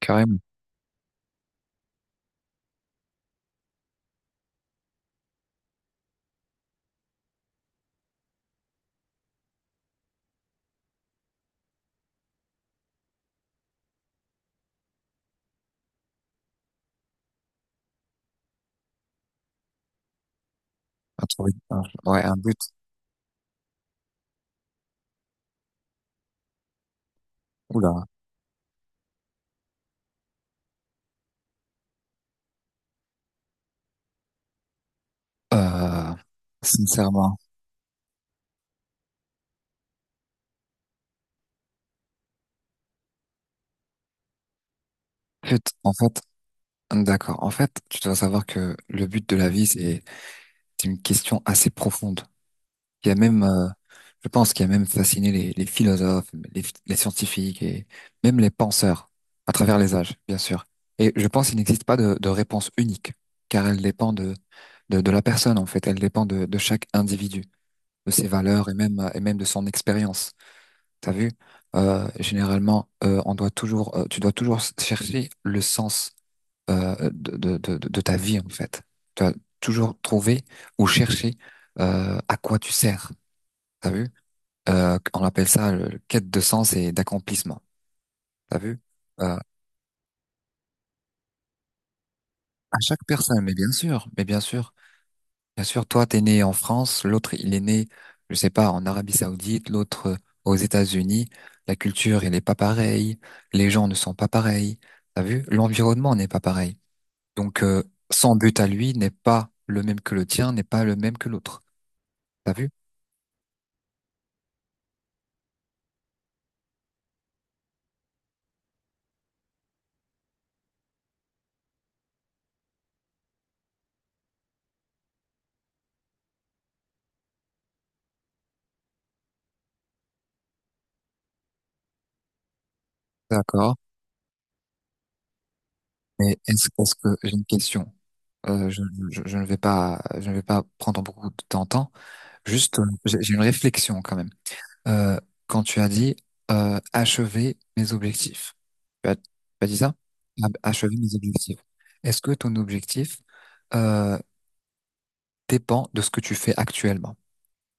Carrément. Un truc, ouais, un but. Oula. Euh, Sincèrement. En fait, d'accord. En fait, tu dois savoir que le but de la vie, c'est une question assez profonde. Il y a même, Je pense qu'il y a même fasciné les philosophes, les scientifiques et même les penseurs à travers les âges, bien sûr. Et je pense qu'il n'existe pas de réponse unique, car elle dépend de la personne, en fait. Elle dépend de chaque individu, de ses valeurs et même de son expérience. T'as vu? Généralement, tu dois toujours chercher le sens de ta vie, en fait. Tu dois toujours trouver ou chercher à quoi tu sers. T'as vu? On appelle ça le quête de sens et d'accomplissement. T'as vu? Euh, à chaque personne, mais bien sûr, bien sûr, toi, t'es né en France, l'autre, il est né, je sais pas, en Arabie Saoudite, l'autre, aux États-Unis. La culture, elle est pas pareille. Les gens ne sont pas pareils. T'as vu? L'environnement n'est pas pareil. Donc, son but à lui n'est pas le même que le tien, n'est pas le même que l'autre. T'as vu? D'accord. Mais est-ce que j'ai une question? Euh, je, je ne vais pas prendre beaucoup de ton temps. Juste, j'ai une réflexion quand même. Euh, quand tu as dit achever mes objectifs. Tu as dit ça? Ah, achever mes objectifs. Est-ce que ton objectif euh, dépend de ce que tu fais actuellement?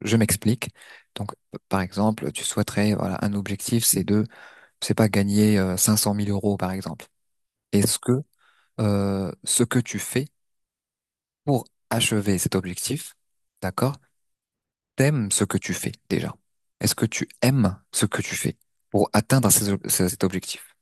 Je m'explique. Donc, par exemple, tu souhaiterais, voilà, un objectif, c'est pas gagner 500 000 euros, par exemple. Est-ce que ce que tu fais pour achever cet objectif, d'accord, t'aimes ce que tu fais déjà? Est-ce que tu aimes ce que tu fais pour atteindre cet objectif?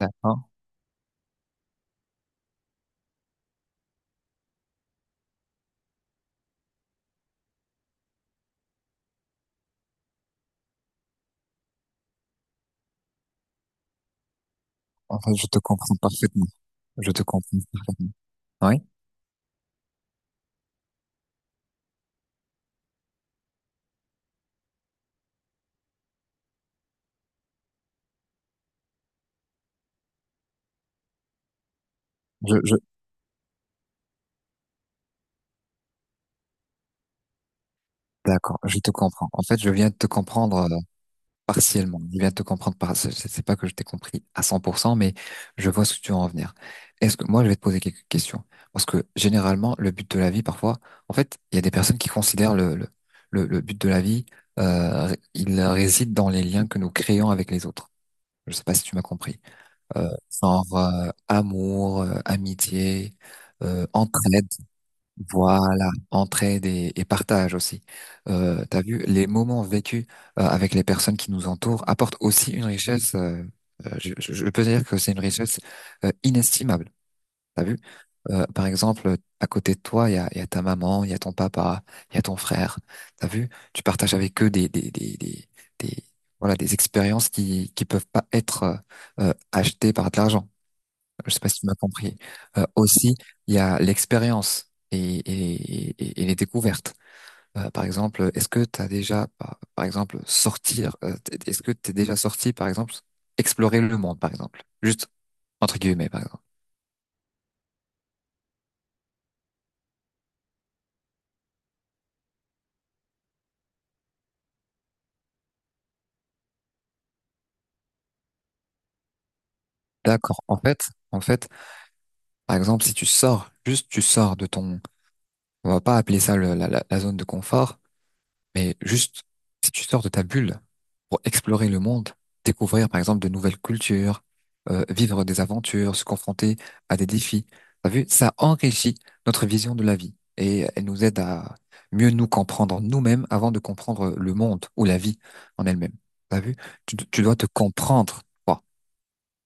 D'accord. Enfin, je te comprends parfaitement. Je te comprends parfaitement. Oui? Je, je, d'accord, je te comprends. En fait, je viens de te comprendre. Partiellement. Il vient de te comprendre c'est pas que je t'ai compris à 100%, mais je vois ce que tu veux en venir. Est-ce que, moi, je vais te poser quelques questions. Parce que, généralement, le but de la vie, parfois, en fait, il y a des personnes qui considèrent le but de la vie, il réside dans les liens que nous créons avec les autres. Je sais pas si tu m'as compris. Euh, genre, amour, amitié, entraide. Voilà, entraide et partage aussi. T'as vu, les moments vécus avec les personnes qui nous entourent apportent aussi une richesse. Je peux dire que c'est une richesse inestimable. T'as vu? Par exemple, à côté de toi, il y a ta maman, il y a ton papa, il y a ton frère. T'as vu? Tu partages avec eux des- voilà, des expériences qui peuvent pas être achetées par de l'argent. Je sais pas si tu m'as compris. Aussi, il y a l'expérience et les découvertes. Par exemple, est-ce que tu as déjà, par exemple, est-ce que tu es déjà sorti, par exemple, explorer le monde, par exemple? Juste, entre guillemets, par exemple. D'accord. En fait, par exemple, si tu sors, juste tu sors de ton, on va pas appeler ça la zone de confort. Mais juste, si tu sors de ta bulle pour explorer le monde, découvrir par exemple de nouvelles cultures, vivre des aventures, se confronter à des défis, t'as vu, ça enrichit notre vision de la vie et elle nous aide à mieux nous comprendre nous-mêmes avant de comprendre le monde ou la vie en elle-même. T'as vu, tu dois te comprendre. Toi,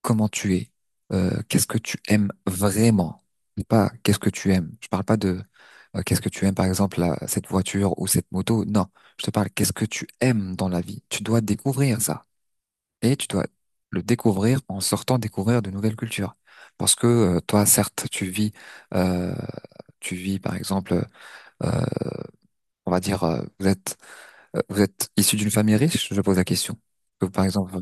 comment tu es, qu'est-ce que tu aimes vraiment, pas qu'est-ce que tu aimes. Je parle pas de qu'est-ce que tu aimes, par exemple, cette voiture ou cette moto. Non, je te parle qu'est-ce que tu aimes dans la vie. Tu dois découvrir ça et tu dois le découvrir en sortant découvrir de nouvelles cultures. Parce que toi, certes, euh, tu vis, par exemple, euh, on va dire, vous êtes issu d'une famille riche. Je pose la question. Que, par exemple,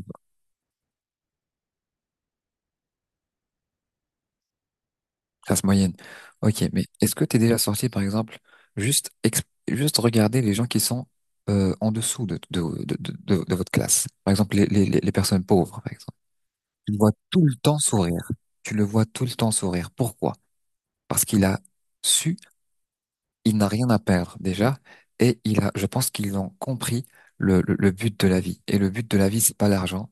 Classe moyenne. Ok, mais est-ce que t'es déjà sorti, par exemple, juste, juste regarder les gens qui sont en dessous de votre classe? Par exemple, les personnes pauvres, par exemple. Tu le vois tout le temps sourire. Tu le vois tout le temps sourire. Pourquoi? Parce qu'il a su il n'a rien à perdre déjà, je pense qu'ils ont compris le but de la vie. Et le but de la vie, c'est pas l'argent,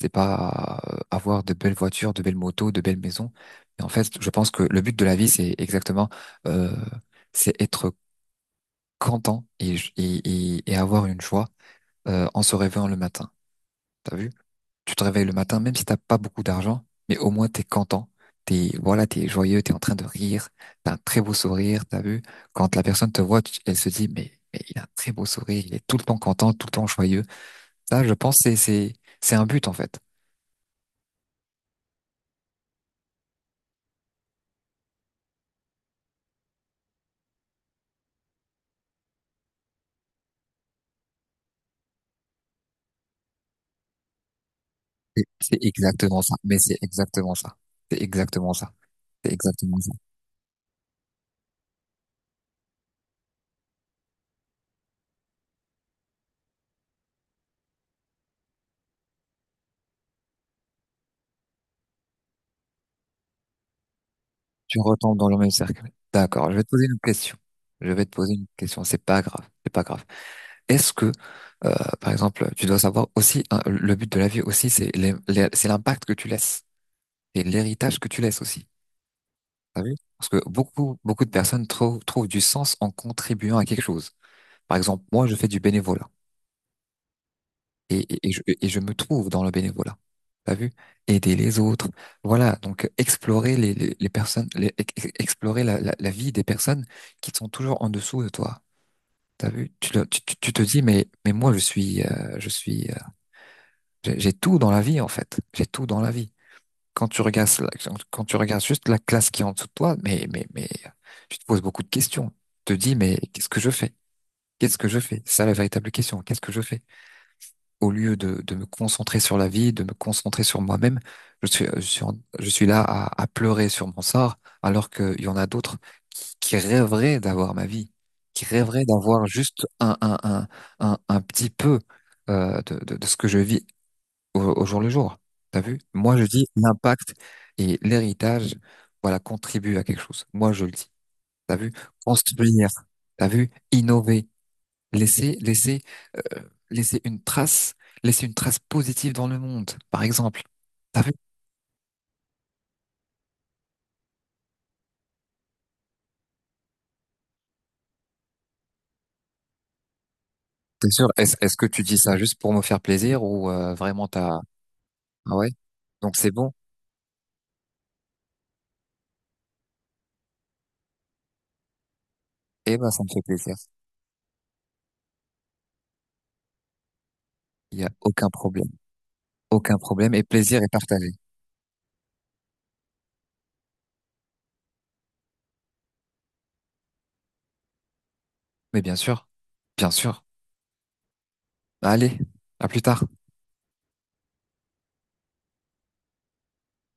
c'est pas avoir de belles voitures, de belles motos, de belles maisons. Mais en fait, je pense que le but de la vie, c'est exactement, euh, c'est être content et avoir une joie en se réveillant le matin. T'as vu? Tu te réveilles le matin, même si t'as pas beaucoup d'argent, mais au moins t'es content. T'es, voilà, t'es joyeux, t'es en train de rire, t'as un très beau sourire, t'as vu? Quand la personne te voit, tu- elle se dit, mais il a un très beau sourire, il est tout le temps content, tout le temps joyeux. Ça, je pense, c'est un but, en fait. C'est exactement ça. Mais c'est exactement ça. C'est exactement ça. C'est exactement ça. Tu retombes dans le même cercle. D'accord. Je vais te poser une question. Je vais te poser une question. C'est pas grave. C'est pas grave. Est-ce que, euh, par exemple, tu dois savoir aussi, hein, le but de la vie aussi, c'est c'est l'impact que tu laisses et l'héritage que tu laisses aussi. T'as vu? Parce que beaucoup, beaucoup de personnes trouvent du sens en contribuant à quelque chose. Par exemple, moi, je fais du bénévolat et je me trouve dans le bénévolat. T'as vu? Aider les autres. Voilà. Donc, explorer les personnes, explorer la vie des personnes qui sont toujours en dessous de toi. T'as vu? Tu, le- tu, tu tu te dis, mais moi, je suis j'ai tout dans la vie, en fait. J'ai tout dans la vie. Quand tu regardes, quand tu regardes juste la classe qui est en dessous de toi, mais, tu te poses beaucoup de questions. Tu te dis, mais qu'est-ce que je fais? Qu'est-ce que je fais? C'est ça la véritable question. Qu'est-ce que je fais? Au lieu de me concentrer sur la vie, de me concentrer sur moi-même, je suis là à pleurer sur mon sort, alors qu'il y en a d'autres qui rêveraient d'avoir ma vie, qui rêveraient d'avoir juste un petit peu, de ce que je vis au jour le jour. T'as vu? Moi, je dis l'impact et l'héritage, voilà, contribue à quelque chose. Moi, je le dis. T'as vu? Construire. T'as vu? Innover. Laisser, laisser, euh, laisser une trace, positive dans le monde, par exemple. T'as vu? T'es sûr? Est-ce que tu dis ça juste pour me faire plaisir ou vraiment t'as... Ah ouais? Donc c'est bon? Eh ben, ça me fait plaisir. Il y a aucun problème. Aucun problème. Et plaisir est partagé. Mais bien sûr. Bien sûr. Allez, à plus tard.